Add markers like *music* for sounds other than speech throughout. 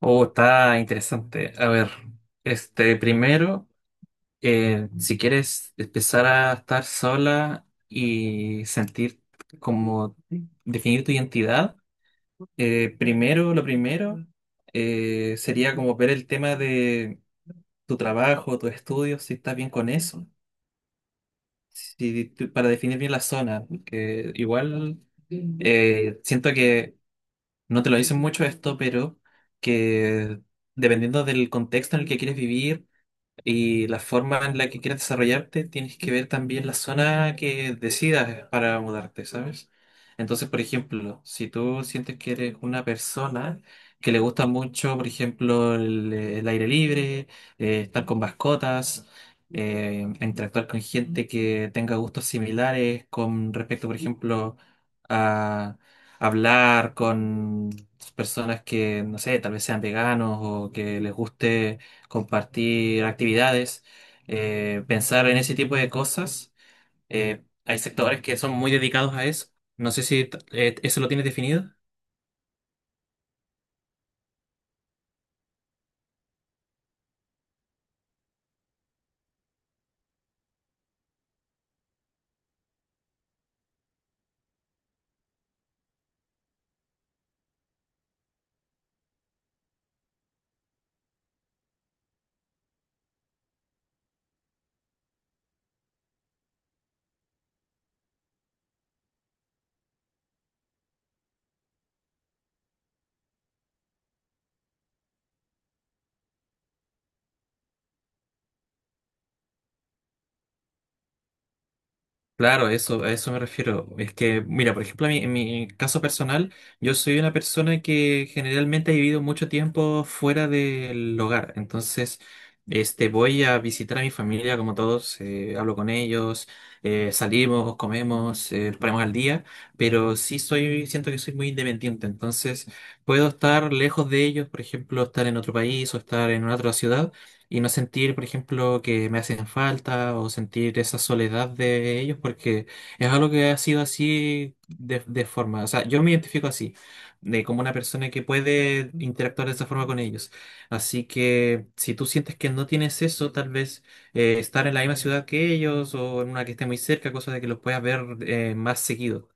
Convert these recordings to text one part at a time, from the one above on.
Oh, está interesante. A ver, primero, si quieres empezar a estar sola y sentir como definir tu identidad, primero, lo primero, sería como ver el tema de tu trabajo, tus estudios, si estás bien con eso, si tú- para definir bien la zona, que igual siento que no te lo dicen mucho esto, pero que dependiendo del contexto en el que quieres vivir, y la forma en la que quieras desarrollarte, tienes que ver también la zona que decidas para mudarte, ¿sabes? Entonces, por ejemplo, si tú sientes que eres una persona que le gusta mucho, por ejemplo, el aire libre, estar con mascotas, interactuar con gente que tenga gustos similares con respecto, por ejemplo, a hablar con personas que, no sé, tal vez sean veganos o que les guste compartir actividades, pensar en ese tipo de cosas. Hay sectores que son muy dedicados a eso. No sé si t- eso lo tienes definido. Claro, eso, a eso me refiero. Es que, mira, por ejemplo, en mi caso personal, yo soy una persona que generalmente ha vivido mucho tiempo fuera del hogar. Entonces, voy a visitar a mi familia, como todos, hablo con ellos, salimos, comemos, nos ponemos al día, pero sí soy, siento que soy muy independiente. Entonces, puedo estar lejos de ellos, por ejemplo, estar en otro país o estar en una otra ciudad y no sentir, por ejemplo, que me hacen falta o sentir esa soledad de ellos, porque es algo que ha sido así de forma, o sea, yo me identifico así, de como una persona que puede interactuar de esa forma con ellos. Así que si tú sientes que no tienes eso, tal vez estar en la misma ciudad que ellos o en una que esté muy cerca, cosa de que los puedas ver más seguido.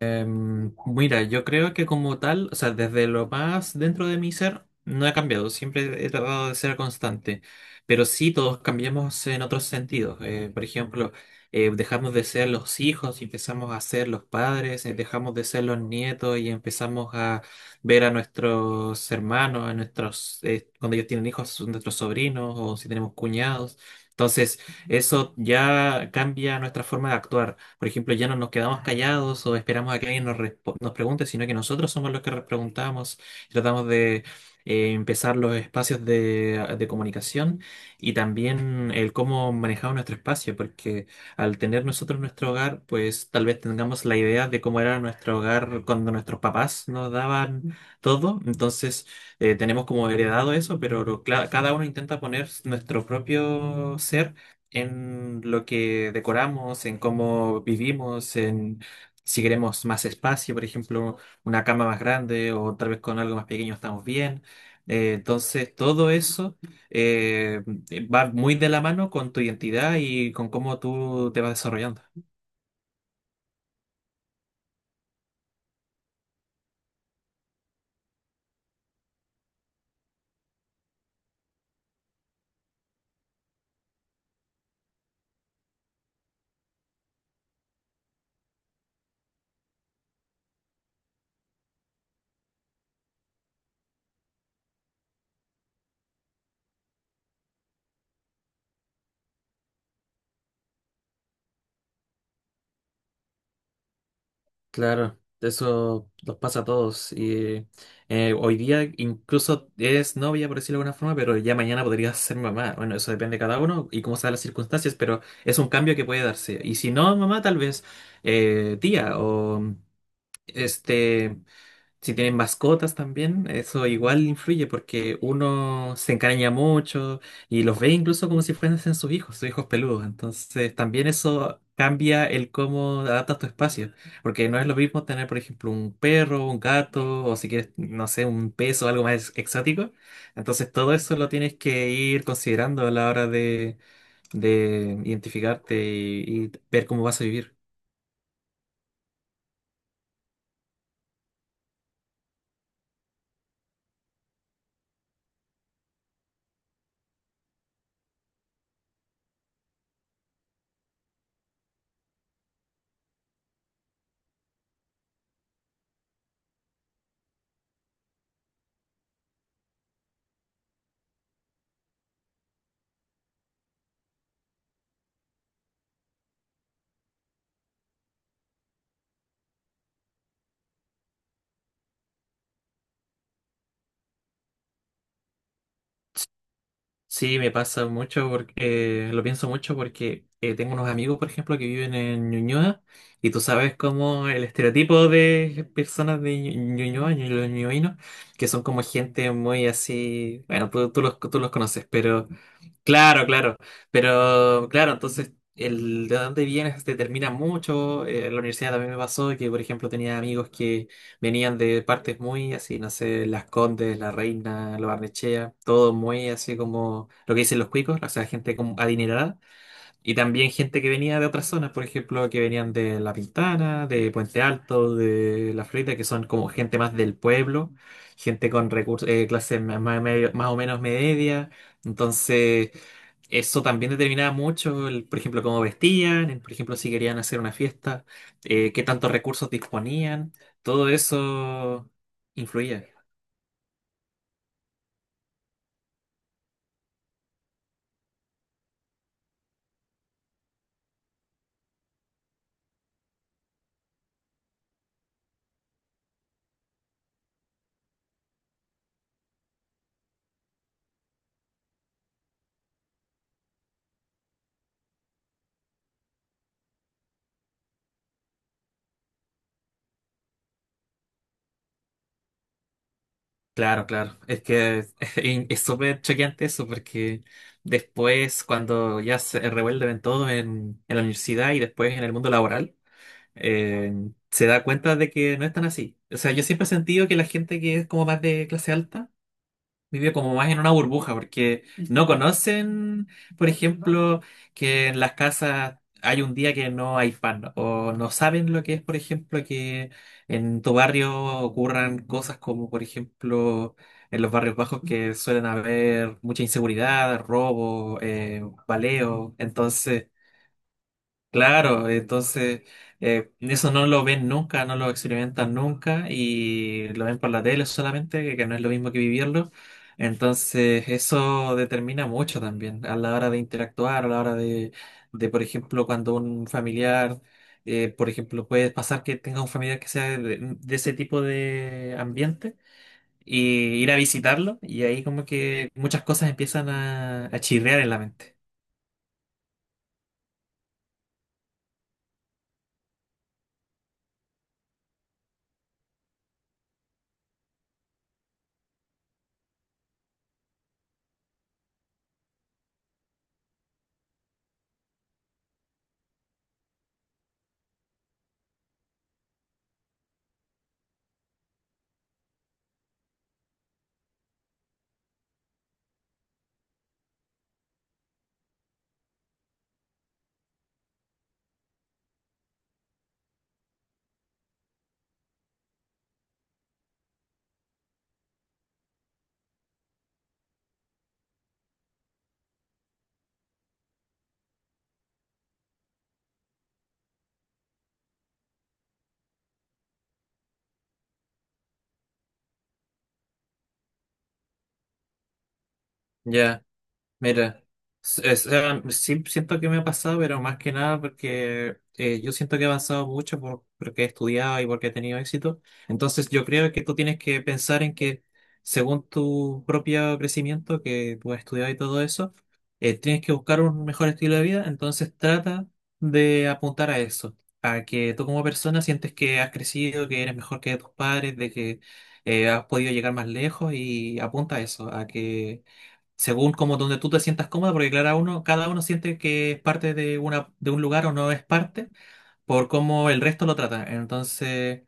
Mira, yo creo que como tal, o sea, desde lo más dentro de mi ser, no he cambiado, siempre he tratado de ser constante, pero sí todos cambiamos en otros sentidos. Por ejemplo, dejamos de ser los hijos y empezamos a ser los padres, dejamos de ser los nietos y empezamos a ver a nuestros hermanos, a nuestros, cuando ellos tienen hijos, son nuestros sobrinos o si tenemos cuñados. Entonces, eso ya cambia nuestra forma de actuar. Por ejemplo, ya no nos quedamos callados o esperamos a que alguien nos, nos pregunte, sino que nosotros somos los que preguntamos, tratamos de empezar los espacios de comunicación, y también el cómo manejamos nuestro espacio, porque al tener nosotros nuestro hogar, pues tal vez tengamos la idea de cómo era nuestro hogar cuando nuestros papás nos daban todo, entonces tenemos como heredado eso, pero cada uno intenta poner nuestro propio ser en lo que decoramos, en cómo vivimos, en si queremos más espacio, por ejemplo, una cama más grande o tal vez con algo más pequeño estamos bien. Entonces, todo eso eh, va muy de la mano con tu identidad y con cómo tú te vas desarrollando. Claro, eso nos pasa a todos. Y hoy día incluso eres novia, por decirlo de alguna forma, pero ya mañana podrías ser mamá. Bueno, eso depende de cada uno y cómo sean las circunstancias, pero es un cambio que puede darse. Y si no, mamá, tal vez tía o este si tienen mascotas también, eso igual influye porque uno se encariña mucho y los ve incluso como si fuesen sus hijos peludos. Entonces también eso cambia el cómo adaptas tu espacio, porque no es lo mismo tener, por ejemplo, un perro, un gato o si quieres, no sé, un pez o algo más exótico. Entonces todo eso lo tienes que ir considerando a la hora de identificarte y ver cómo vas a vivir. Sí, me pasa mucho porque lo pienso mucho porque tengo unos amigos, por ejemplo, que viven en Ñuñoa y tú sabes cómo el estereotipo de personas de Ñuñoa, los ñuñoinos, que son como gente muy así, bueno, tú los conoces, pero claro, claro. Pero claro, entonces el de dónde vienes determina mucho. En la universidad también me pasó que, por ejemplo, tenía amigos que venían de partes muy así, no sé, Las Condes, La Reina, Lo Barnechea, todo muy así como lo que dicen los cuicos, o sea, gente como adinerada. Y también gente que venía de otras zonas, por ejemplo, que venían de La Pintana, de Puente Alto, de La Florida, que son como gente más del pueblo, gente con recursos, clases más o menos media. Entonces, eso también determinaba mucho, por ejemplo, cómo vestían, por ejemplo, si querían hacer una fiesta, qué tantos recursos disponían, todo eso influía. Claro, claro, es que es *laughs* es súper choqueante eso porque después cuando ya se revuelven todos en la universidad y después en el mundo laboral, eh, se da cuenta de que no es tan así. O sea, yo siempre he sentido que la gente que es como más de clase alta, vive como más en una burbuja, porque no conocen, por ejemplo, que en las casas hay un día que no hay pan, o no saben lo que es, por ejemplo, que en tu barrio ocurran cosas como, por ejemplo, en los barrios bajos que suelen haber mucha inseguridad, robo, baleo, entonces. Claro, entonces eso no lo ven nunca, no lo experimentan nunca y lo ven por la tele solamente, que no es lo mismo que vivirlo. Entonces eso determina mucho también a la hora de interactuar, a la hora de, por ejemplo, cuando un familiar, por ejemplo, puede pasar que tenga un familiar que sea de ese tipo de ambiente y ir a visitarlo y ahí como que muchas cosas empiezan a chirrear en la mente. Ya. Mira, sí siento que me ha pasado, pero más que nada porque yo siento que he avanzado mucho por, porque he estudiado y porque he tenido éxito. Entonces yo creo que tú tienes que pensar en que según tu propio crecimiento, que tú has estudiado y todo eso, tienes que buscar un mejor estilo de vida. Entonces trata de apuntar a eso, a que tú como persona sientes que has crecido, que eres mejor que tus padres, de que has podido llegar más lejos y apunta a eso, a que según como donde tú te sientas cómodo, porque claro, uno, cada uno siente que es parte de una, de un lugar o no es parte por cómo el resto lo trata. Entonces,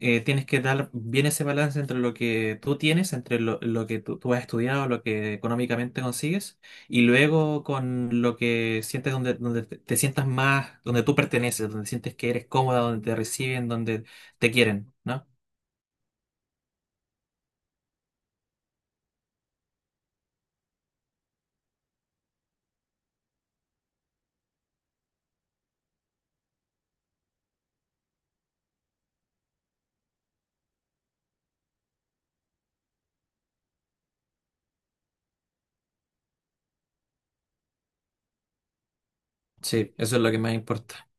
tienes que dar bien ese balance entre lo que tú tienes, entre lo que tú has estudiado, lo que económicamente consigues, y luego con lo que sientes donde, donde te sientas más, donde tú perteneces, donde sientes que eres cómoda, donde te reciben, donde te quieren, ¿no? Sí, eso es lo que más importa.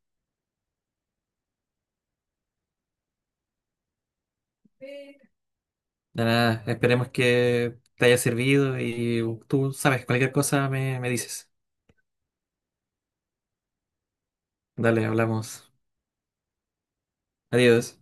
De nada, esperemos que te haya servido y tú sabes, cualquier cosa me dices. Dale, hablamos. Adiós.